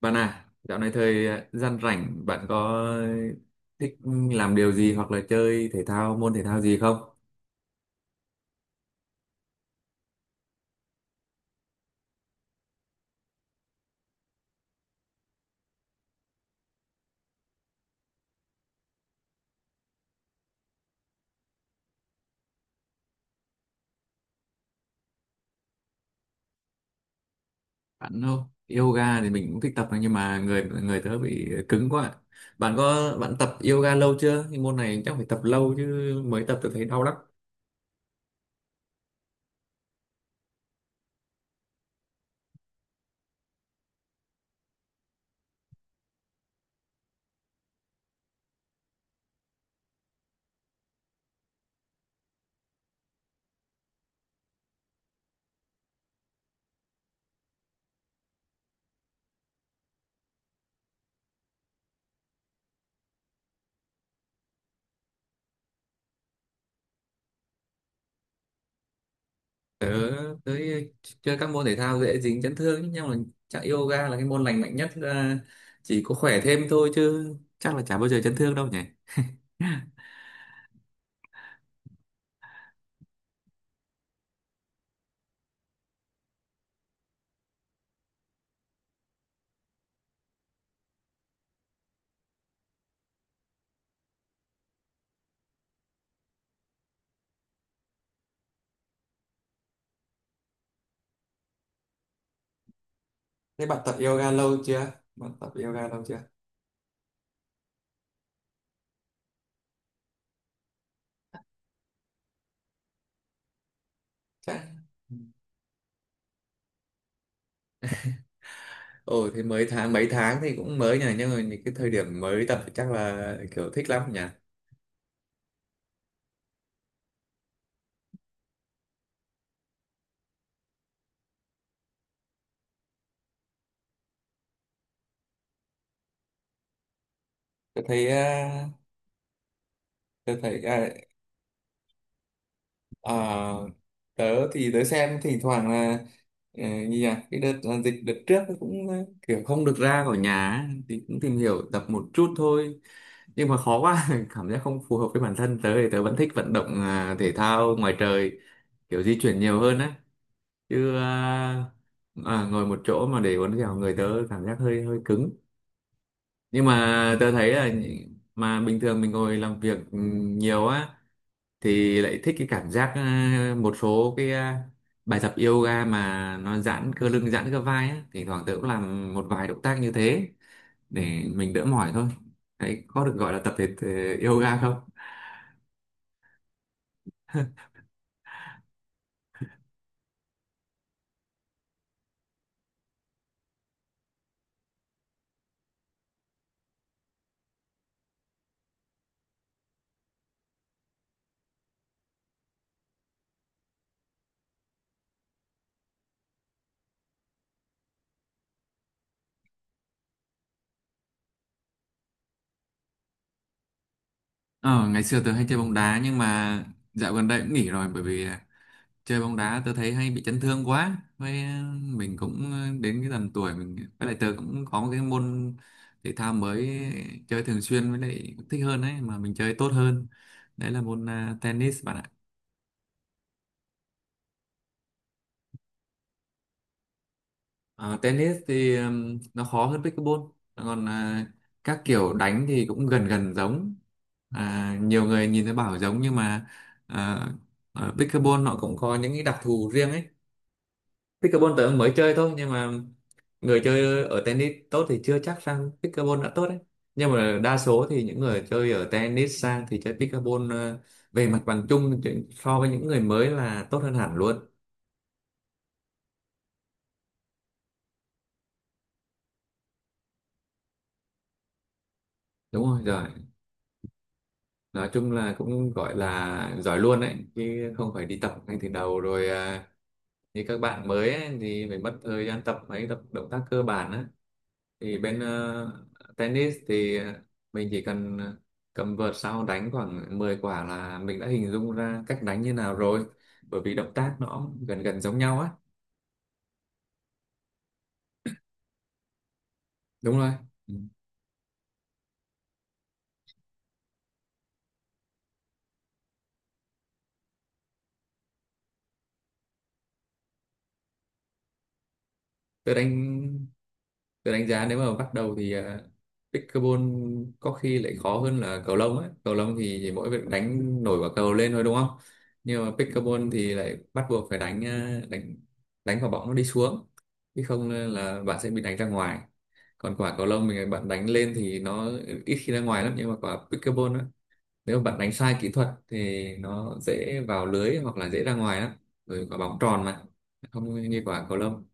Bạn à, dạo này thời gian rảnh bạn có thích làm điều gì hoặc là chơi thể thao môn thể thao gì không? Bạn không? Yoga thì mình cũng thích tập nhưng mà người người tớ bị cứng quá. Bạn tập yoga lâu chưa? Cái môn này chắc phải tập lâu chứ mới tập tớ thấy đau lắm. Tớ tới chơi các môn thể thao dễ dính chấn thương ấy, nhưng mà chắc yoga là cái môn lành mạnh nhất, là chỉ có khỏe thêm thôi chứ chắc là chả bao giờ chấn thương đâu nhỉ. Thế bạn tập yoga lâu chưa? Bạn tập yoga lâu chưa? Chắc thì mới tháng mấy tháng thì cũng mới nhỉ, nhưng mà những cái thời điểm mới tập thì chắc là kiểu thích lắm nhỉ. Tôi thấy à, tôi thấy à, à, tớ thì tớ xem thỉnh thoảng là như nhỉ cái đợt là dịch đợt trước, nó cũng kiểu không được ra khỏi nhà ấy, thì cũng tìm hiểu tập một chút thôi nhưng mà khó quá. Cảm giác không phù hợp với bản thân, tớ thì tớ vẫn thích vận động thể thao ngoài trời, kiểu di chuyển nhiều hơn á, chứ ngồi một chỗ mà để uốn dẻo người tớ cảm giác hơi hơi cứng, nhưng mà tớ thấy là mà bình thường mình ngồi làm việc nhiều á thì lại thích cái cảm giác một số cái bài tập yoga mà nó giãn cơ lưng giãn cơ vai á, thỉnh thoảng tớ cũng làm một vài động tác như thế để mình đỡ mỏi thôi. Đấy có được gọi là tập thể thể yoga không? Ờ, Ngày xưa tớ hay chơi bóng đá nhưng mà dạo gần đây cũng nghỉ rồi, bởi vì chơi bóng đá tớ thấy hay bị chấn thương quá, với mình cũng đến cái tầm tuổi mình, với lại tớ cũng có một cái môn thể thao mới chơi thường xuyên với lại cũng thích hơn ấy mà mình chơi tốt hơn, đấy là môn tennis bạn ạ. Ờ, tennis thì nó khó hơn pickleball, còn các kiểu đánh thì cũng gần gần giống, nhiều người nhìn thấy bảo giống nhưng mà à, ở pickleball nó cũng có những cái đặc thù riêng ấy. Pickleball tớ mới chơi thôi nhưng mà người chơi ở tennis tốt thì chưa chắc rằng pickleball đã tốt đấy, nhưng mà đa số thì những người chơi ở tennis sang thì chơi pickleball về mặt bằng chung thì so với những người mới là tốt hơn hẳn luôn. Đúng rồi rồi, nói chung là cũng gọi là giỏi luôn đấy chứ không phải đi tập ngay từ đầu rồi, như các bạn mới ấy, thì phải mất thời gian tập mấy tập động tác cơ bản á, thì bên tennis thì mình chỉ cần cầm vợt sau đánh khoảng 10 quả là mình đã hình dung ra cách đánh như nào rồi, bởi vì động tác nó gần gần giống nhau á. Đúng rồi. Ừ. tôi đánh tôi đánh giá nếu mà bắt đầu thì pickleball có khi lại khó hơn là cầu lông ấy, cầu lông thì chỉ mỗi việc đánh nổi quả cầu lên thôi đúng không, nhưng mà pickleball thì lại bắt buộc phải đánh đánh quả bóng nó đi xuống, chứ không là bạn sẽ bị đánh ra ngoài. Còn quả cầu lông mình bạn đánh lên thì nó ít khi ra ngoài lắm, nhưng mà quả pickleball á nếu mà bạn đánh sai kỹ thuật thì nó dễ vào lưới hoặc là dễ ra ngoài lắm, rồi quả bóng tròn mà, không như quả cầu lông.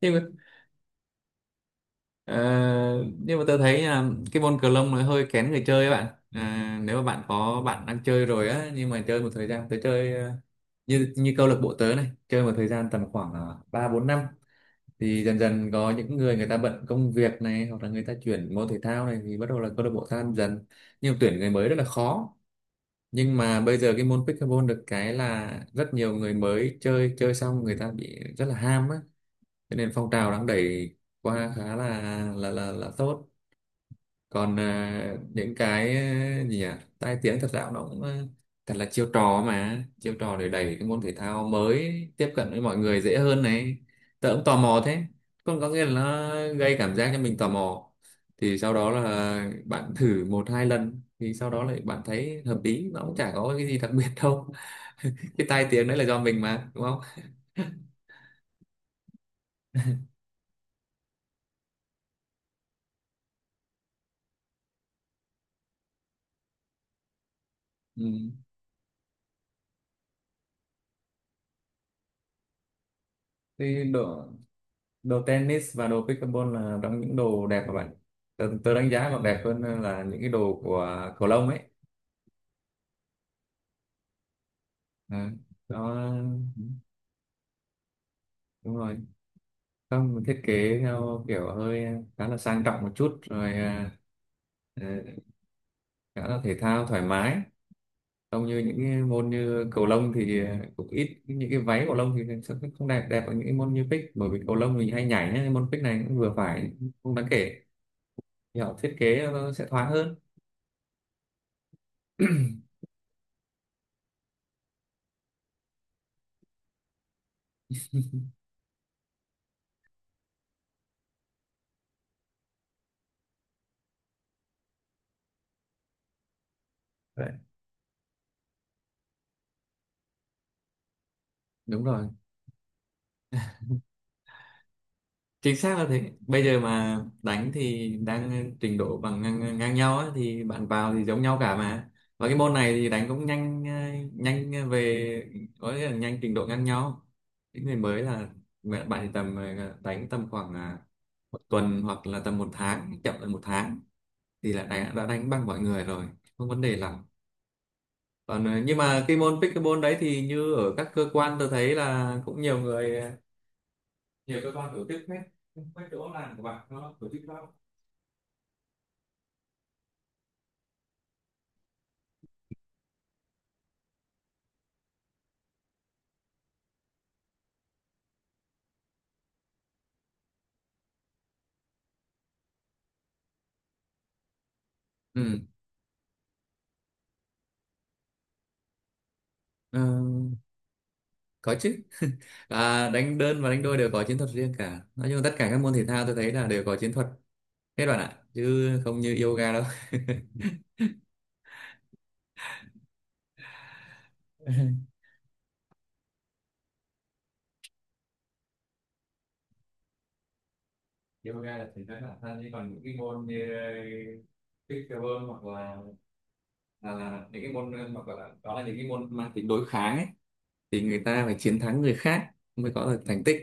Thế. Ờ, nhưng mà tôi thấy là cái môn cờ lông nó hơi kén người chơi các bạn à, nếu mà bạn có bạn đang chơi rồi á nhưng mà chơi một thời gian tới chơi như như câu lạc bộ tớ này chơi một thời gian tầm khoảng 3-4 năm thì dần dần có những người người ta bận công việc này hoặc là người ta chuyển môn thể thao này thì bắt đầu là câu lạc bộ tan dần, nhưng mà tuyển người mới rất là khó. Nhưng mà bây giờ cái môn pickleball được cái là rất nhiều người mới chơi, chơi xong người ta bị rất là ham á, cho nên phong trào đang đẩy qua khá là tốt. Còn những cái gì nhỉ, tai tiếng thật ra nó cũng thật là chiêu trò, mà chiêu trò để đẩy cái môn thể thao mới tiếp cận với mọi người dễ hơn này, tớ cũng tò mò thế, còn có nghĩa là nó gây cảm giác cho mình tò mò, thì sau đó là bạn thử một hai lần thì sau đó lại bạn thấy hợp lý nó cũng chả có cái gì đặc biệt đâu. Cái tai tiếng đấy là do mình mà đúng không? Ừ. Thì đó, đồ tennis và đồ pickleball là trong những đồ đẹp các bạn, tớ, tớ đánh giá còn đẹp hơn là những cái đồ của cầu lông ấy. à, Đó. Đúng rồi, không mình thiết kế theo kiểu hơi khá là sang trọng một chút rồi, ờ, khá là thể thao thoải mái, không như những cái môn như cầu lông thì cũng ít những cái váy, cầu lông thì sẽ không không đẹp đẹp ở những cái môn như pick, bởi vì cầu lông thì hay nhảy ấy, môn pick này cũng vừa phải, không đáng kể, thì họ thiết kế nó sẽ thoáng hơn. Đấy. Đúng rồi, chính xác là thế. Bây giờ mà đánh thì đang trình độ bằng ngang nhau á, thì bạn vào thì giống nhau cả mà, và cái môn này thì đánh cũng nhanh, nhanh về có nghĩa là nhanh trình độ ngang nhau, những người mới là mẹ bạn thì tầm đánh tầm khoảng một tuần hoặc là tầm một tháng, chậm là một tháng thì là đã đánh bằng mọi người rồi, không vấn đề lắm. Còn nhưng mà cái môn pickleball đấy thì như ở các cơ quan tôi thấy là cũng nhiều người nhiều cơ quan tổ chức hết, mấy chỗ làm của bạn nó tổ chức đó. Ừ, ờ, có chứ. Và đánh đơn và đánh đôi đều có chiến thuật riêng cả, nói chung tất cả các môn thể thao tôi thấy là đều có chiến thuật hết bạn ạ, chứ không như yoga đâu. Yoga là thể thao bản thân, chứ còn những cái môn như pickleball hoặc là là những cái môn hoặc là đó là những cái môn mang tính đối kháng ấy, thì người ta phải chiến thắng người khác mới có được thành tích,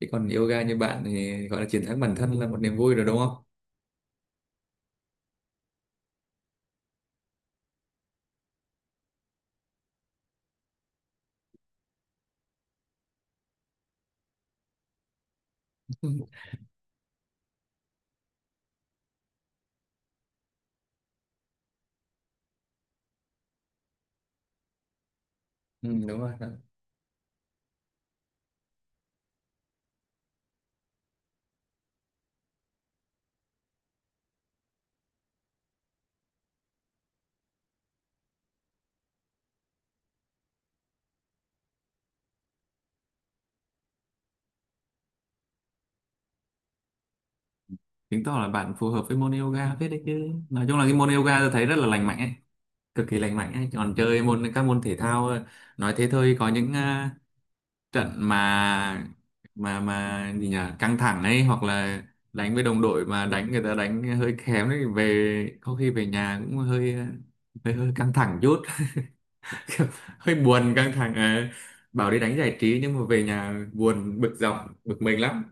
chứ còn yoga như bạn thì gọi là chiến thắng bản thân là một niềm vui rồi đúng không. Ừ, đúng rồi. Đó. Chứng tỏ là bạn phù hợp với môn yoga phết đấy chứ. Nói chung là cái môn yoga tôi thấy rất là lành mạnh ấy, cực kỳ lành mạnh ấy. Còn chơi môn các môn thể thao nói thế thôi, có những trận mà mà gì nhỉ, căng thẳng ấy, hoặc là đánh với đồng đội mà đánh người ta đánh hơi kém ấy, về có khi về nhà cũng hơi căng thẳng chút. Kiểu hơi buồn căng thẳng. Ờ. Bảo đi đánh giải trí nhưng mà về nhà buồn bực dọc, bực mình lắm.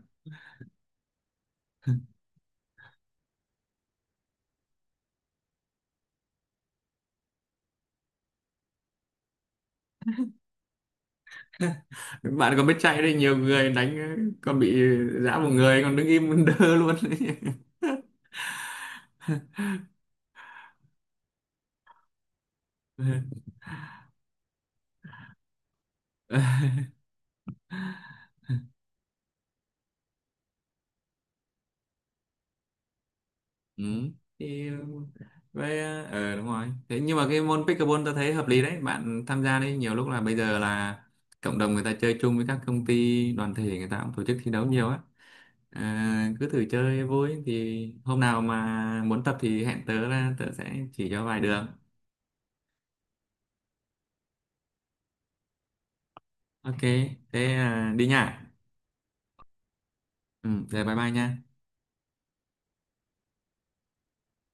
Bạn còn biết chạy đấy, nhiều người đánh còn bị giã một người còn đứng im đơ luôn đấy. Ừ. Thì vậy đúng rồi. Thế nhưng mà cái môn pickleball tôi thấy hợp lý đấy, bạn tham gia đấy, nhiều lúc là bây giờ là cộng đồng người ta chơi chung với các công ty đoàn thể người ta cũng tổ chức thi đấu nhiều á, cứ thử chơi vui, thì hôm nào mà muốn tập thì hẹn tớ là tớ sẽ chỉ cho vài đường. Ok, thế à, đi nha. Ừ, rồi bye bye nha.